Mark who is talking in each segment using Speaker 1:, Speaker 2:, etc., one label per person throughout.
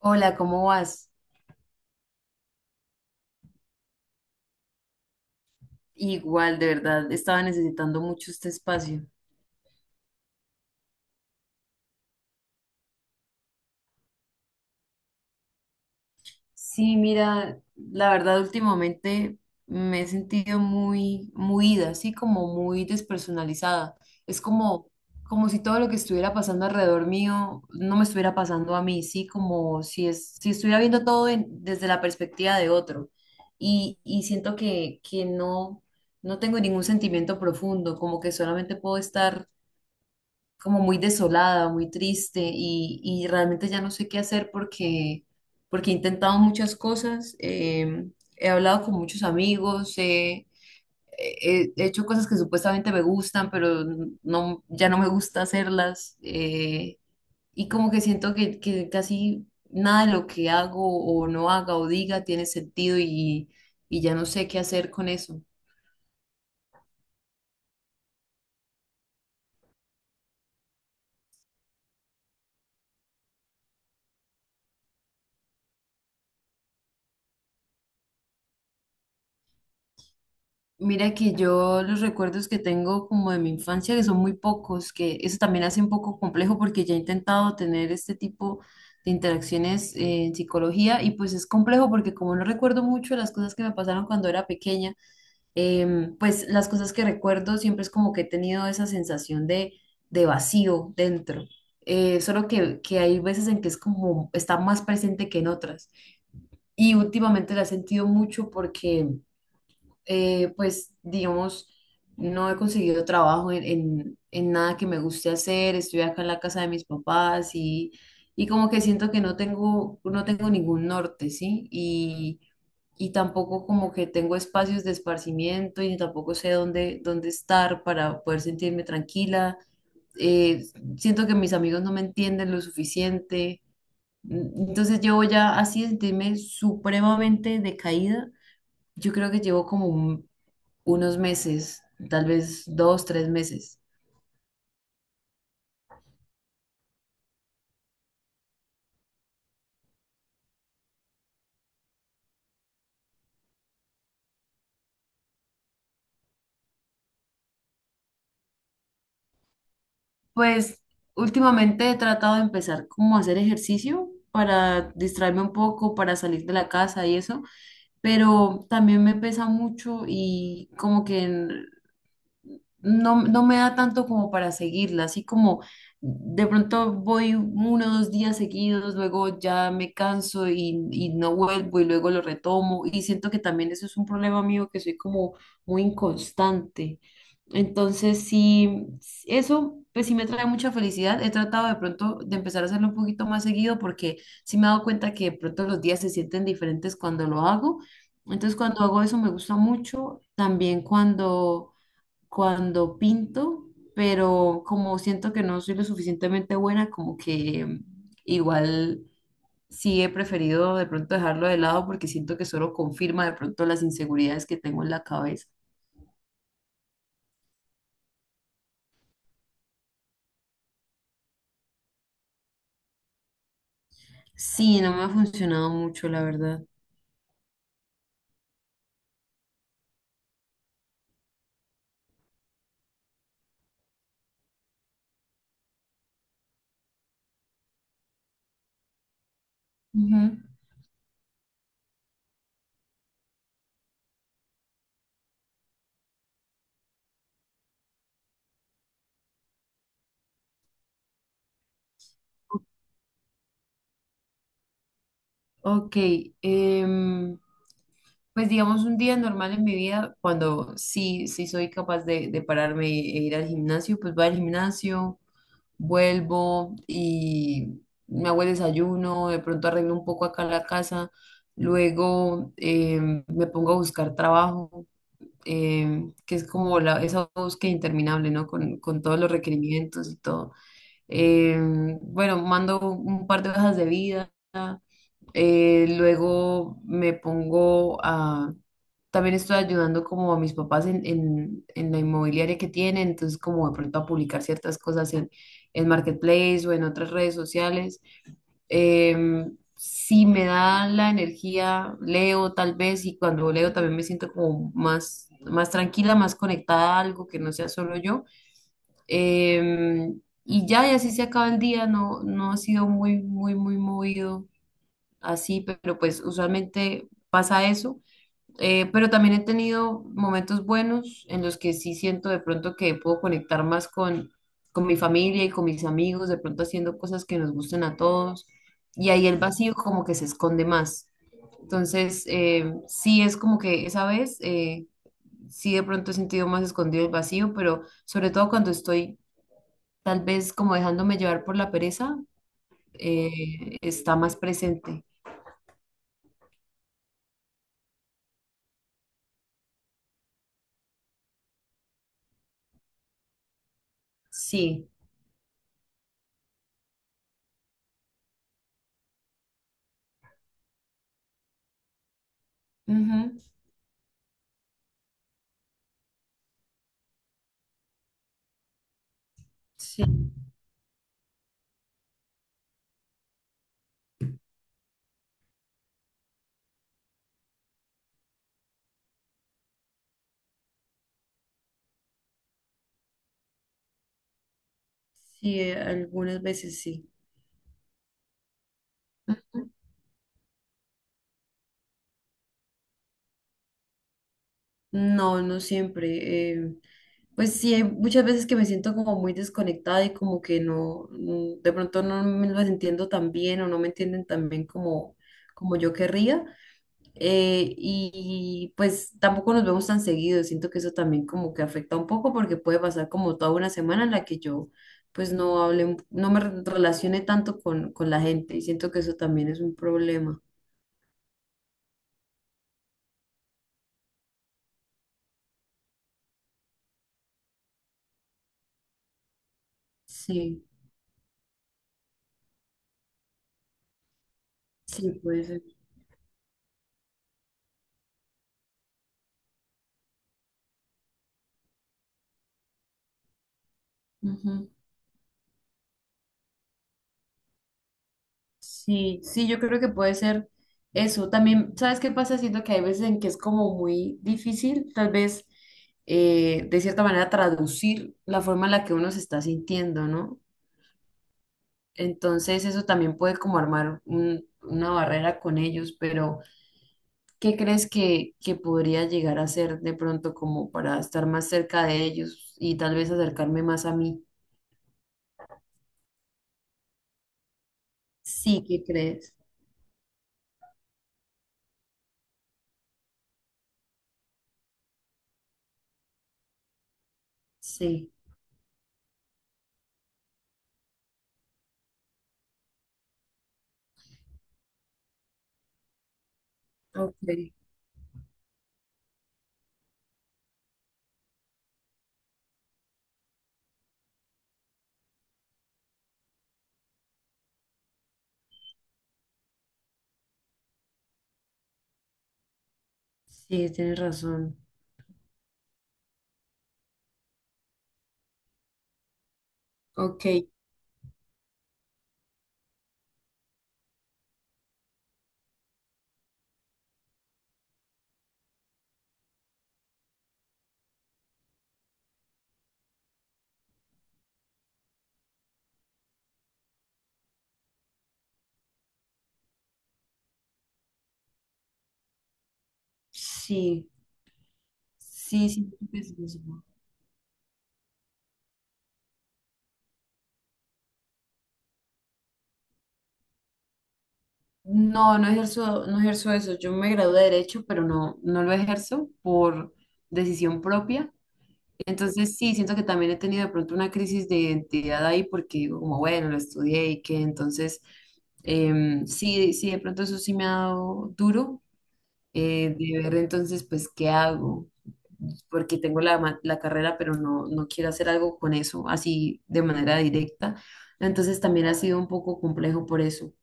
Speaker 1: Hola, ¿cómo vas? Igual, de verdad, estaba necesitando mucho este espacio. Sí, mira, la verdad últimamente me he sentido muy, muy ida, así como muy despersonalizada. Es como, como si todo lo que estuviera pasando alrededor mío no me estuviera pasando a mí, sí, como si si estuviera viendo todo desde la perspectiva de otro. Y siento que no tengo ningún sentimiento profundo, como que solamente puedo estar como muy desolada, muy triste y realmente ya no sé qué hacer porque he intentado muchas cosas, he hablado con muchos amigos, he hecho cosas que supuestamente me gustan, pero no, ya no me gusta hacerlas y como que siento que casi nada de lo que hago o no haga o diga tiene sentido y ya no sé qué hacer con eso. Mira que yo los recuerdos que tengo como de mi infancia, que son muy pocos, que eso también hace un poco complejo porque ya he intentado tener este tipo de interacciones en psicología y pues es complejo porque como no recuerdo mucho las cosas que me pasaron cuando era pequeña, pues las cosas que recuerdo siempre es como que he tenido esa sensación de vacío dentro. Solo que hay veces en que es como está más presente que en otras. Y últimamente la he sentido mucho porque pues digamos, no he conseguido trabajo en nada que me guste hacer, estoy acá en la casa de mis papás y como que siento que no tengo ningún norte, ¿sí? Y tampoco como que tengo espacios de esparcimiento y tampoco sé dónde estar para poder sentirme tranquila. Eh, siento que mis amigos no me entienden lo suficiente. Entonces llevo ya así de sentirme supremamente decaída. Yo creo que llevo como un unos meses, tal vez dos, tres meses. Pues últimamente he tratado de empezar como a hacer ejercicio para distraerme un poco, para salir de la casa y eso, pero también me pesa mucho y como que no me da tanto como para seguirla, así como de pronto voy uno o dos días seguidos, luego ya me canso y no vuelvo y luego lo retomo y siento que también eso es un problema mío que soy como muy inconstante. Entonces, sí, eso pues sí me trae mucha felicidad. He tratado de pronto de empezar a hacerlo un poquito más seguido porque sí me he dado cuenta que de pronto los días se sienten diferentes cuando lo hago. Entonces, cuando hago eso me gusta mucho. También cuando pinto, pero como siento que no soy lo suficientemente buena, como que igual sí he preferido de pronto dejarlo de lado porque siento que solo confirma de pronto las inseguridades que tengo en la cabeza. Sí, no me ha funcionado mucho, la verdad. Ujú. Ok, em, pues digamos un día normal en mi vida, cuando sí, sí soy capaz de pararme e ir al gimnasio, pues voy al gimnasio, vuelvo y me hago el desayuno, de pronto arreglo un poco acá la casa, luego me pongo a buscar trabajo, que es como esa búsqueda interminable, ¿no? Con todos los requerimientos y todo. Bueno, mando un par de hojas de vida. Luego me pongo a... También estoy ayudando como a mis papás en la inmobiliaria que tienen, entonces como de pronto a publicar ciertas cosas en Marketplace o en otras redes sociales. Si me da la energía, leo tal vez y cuando leo también me siento como más, más tranquila, más conectada a algo que no sea solo yo. Y ya, y así se acaba el día, no, no ha sido muy, muy, muy movido así, pero pues usualmente pasa eso. Pero también he tenido momentos buenos en los que sí siento de pronto que puedo conectar más con mi familia y con mis amigos, de pronto haciendo cosas que nos gusten a todos. Y ahí el vacío como que se esconde más. Entonces, sí es como que esa vez, sí de pronto he sentido más escondido el vacío, pero sobre todo cuando estoy tal vez como dejándome llevar por la pereza, está más presente. Sí. Sí, sí, algunas veces sí. Ujú. No, no siempre. Pues sí, hay muchas veces que me siento como muy desconectada y como que no, de pronto no me las entiendo tan bien o no me entienden tan bien como yo querría. Y pues tampoco nos vemos tan seguido. Siento que eso también como que afecta un poco porque puede pasar como toda una semana en la que yo pues no hable, no me relacione tanto con la gente y siento que eso también es un problema. Sí. Sí, puede ser. Ujú. Sí, sí, yo creo que puede ser eso. También, ¿sabes qué pasa? Siento que hay veces en que es como muy difícil, tal vez, de cierta manera, traducir la forma en la que uno se está sintiendo, ¿no? Entonces, eso también puede como armar una barrera con ellos, pero ¿qué crees que podría llegar a ser de pronto como para estar más cerca de ellos y tal vez acercarme más a mí? Sí, ¿qué crees? Sí, ok. Sí, tienes razón. Ok, sí, sí, sí, pues, eso. No, no ejerzo, no ejerzo eso. Yo me gradué de Derecho, pero no, no lo ejerzo por decisión propia. Entonces sí, siento que también he tenido de pronto una crisis de identidad ahí porque digo como, bueno, lo estudié y que entonces sí, sí, de pronto eso sí me ha dado duro de ver entonces pues qué hago. Porque tengo la, la carrera, pero no, no quiero hacer algo con eso así de manera directa. Entonces también ha sido un poco complejo por eso.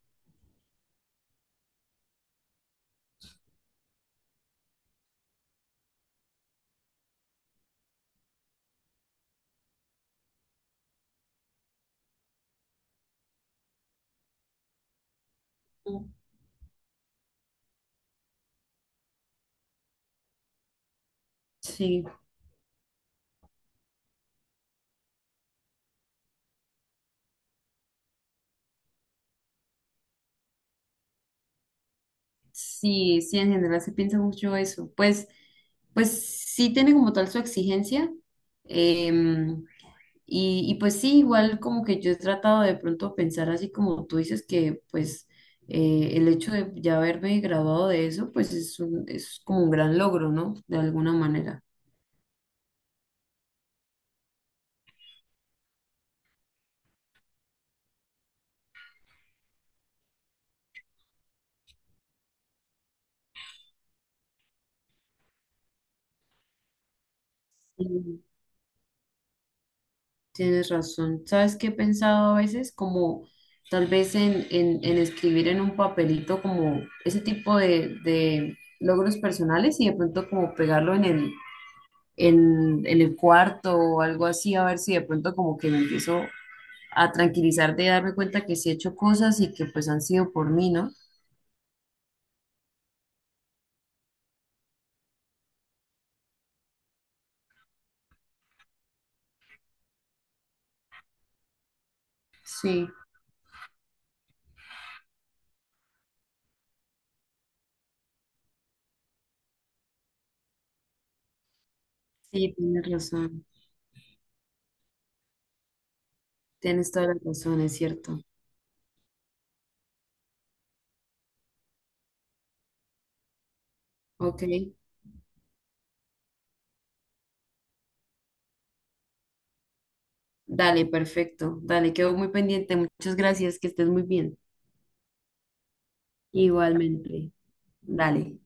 Speaker 1: Sí, sí, sí, en general se piensa mucho eso. Pues, pues sí tiene como tal su exigencia. em, y pues sí, igual como que yo he tratado de pronto pensar así como tú dices que pues el hecho de ya haberme graduado de eso, pues es es como un gran logro, ¿no? De alguna manera. Sí. Tienes razón. ¿Sabes qué he pensado a veces? Como tal vez en escribir en un papelito como ese tipo de logros personales y de pronto como pegarlo en en el cuarto o algo así, a ver si de pronto como que me empiezo a tranquilizar de darme cuenta que sí he hecho cosas y que pues han sido por mí, ¿no? Sí, sí, tienes razón. Tienes toda la razón, es cierto. Ok, dale, perfecto. Dale, quedo muy pendiente. Muchas gracias, que estés muy bien. Igualmente. Dale.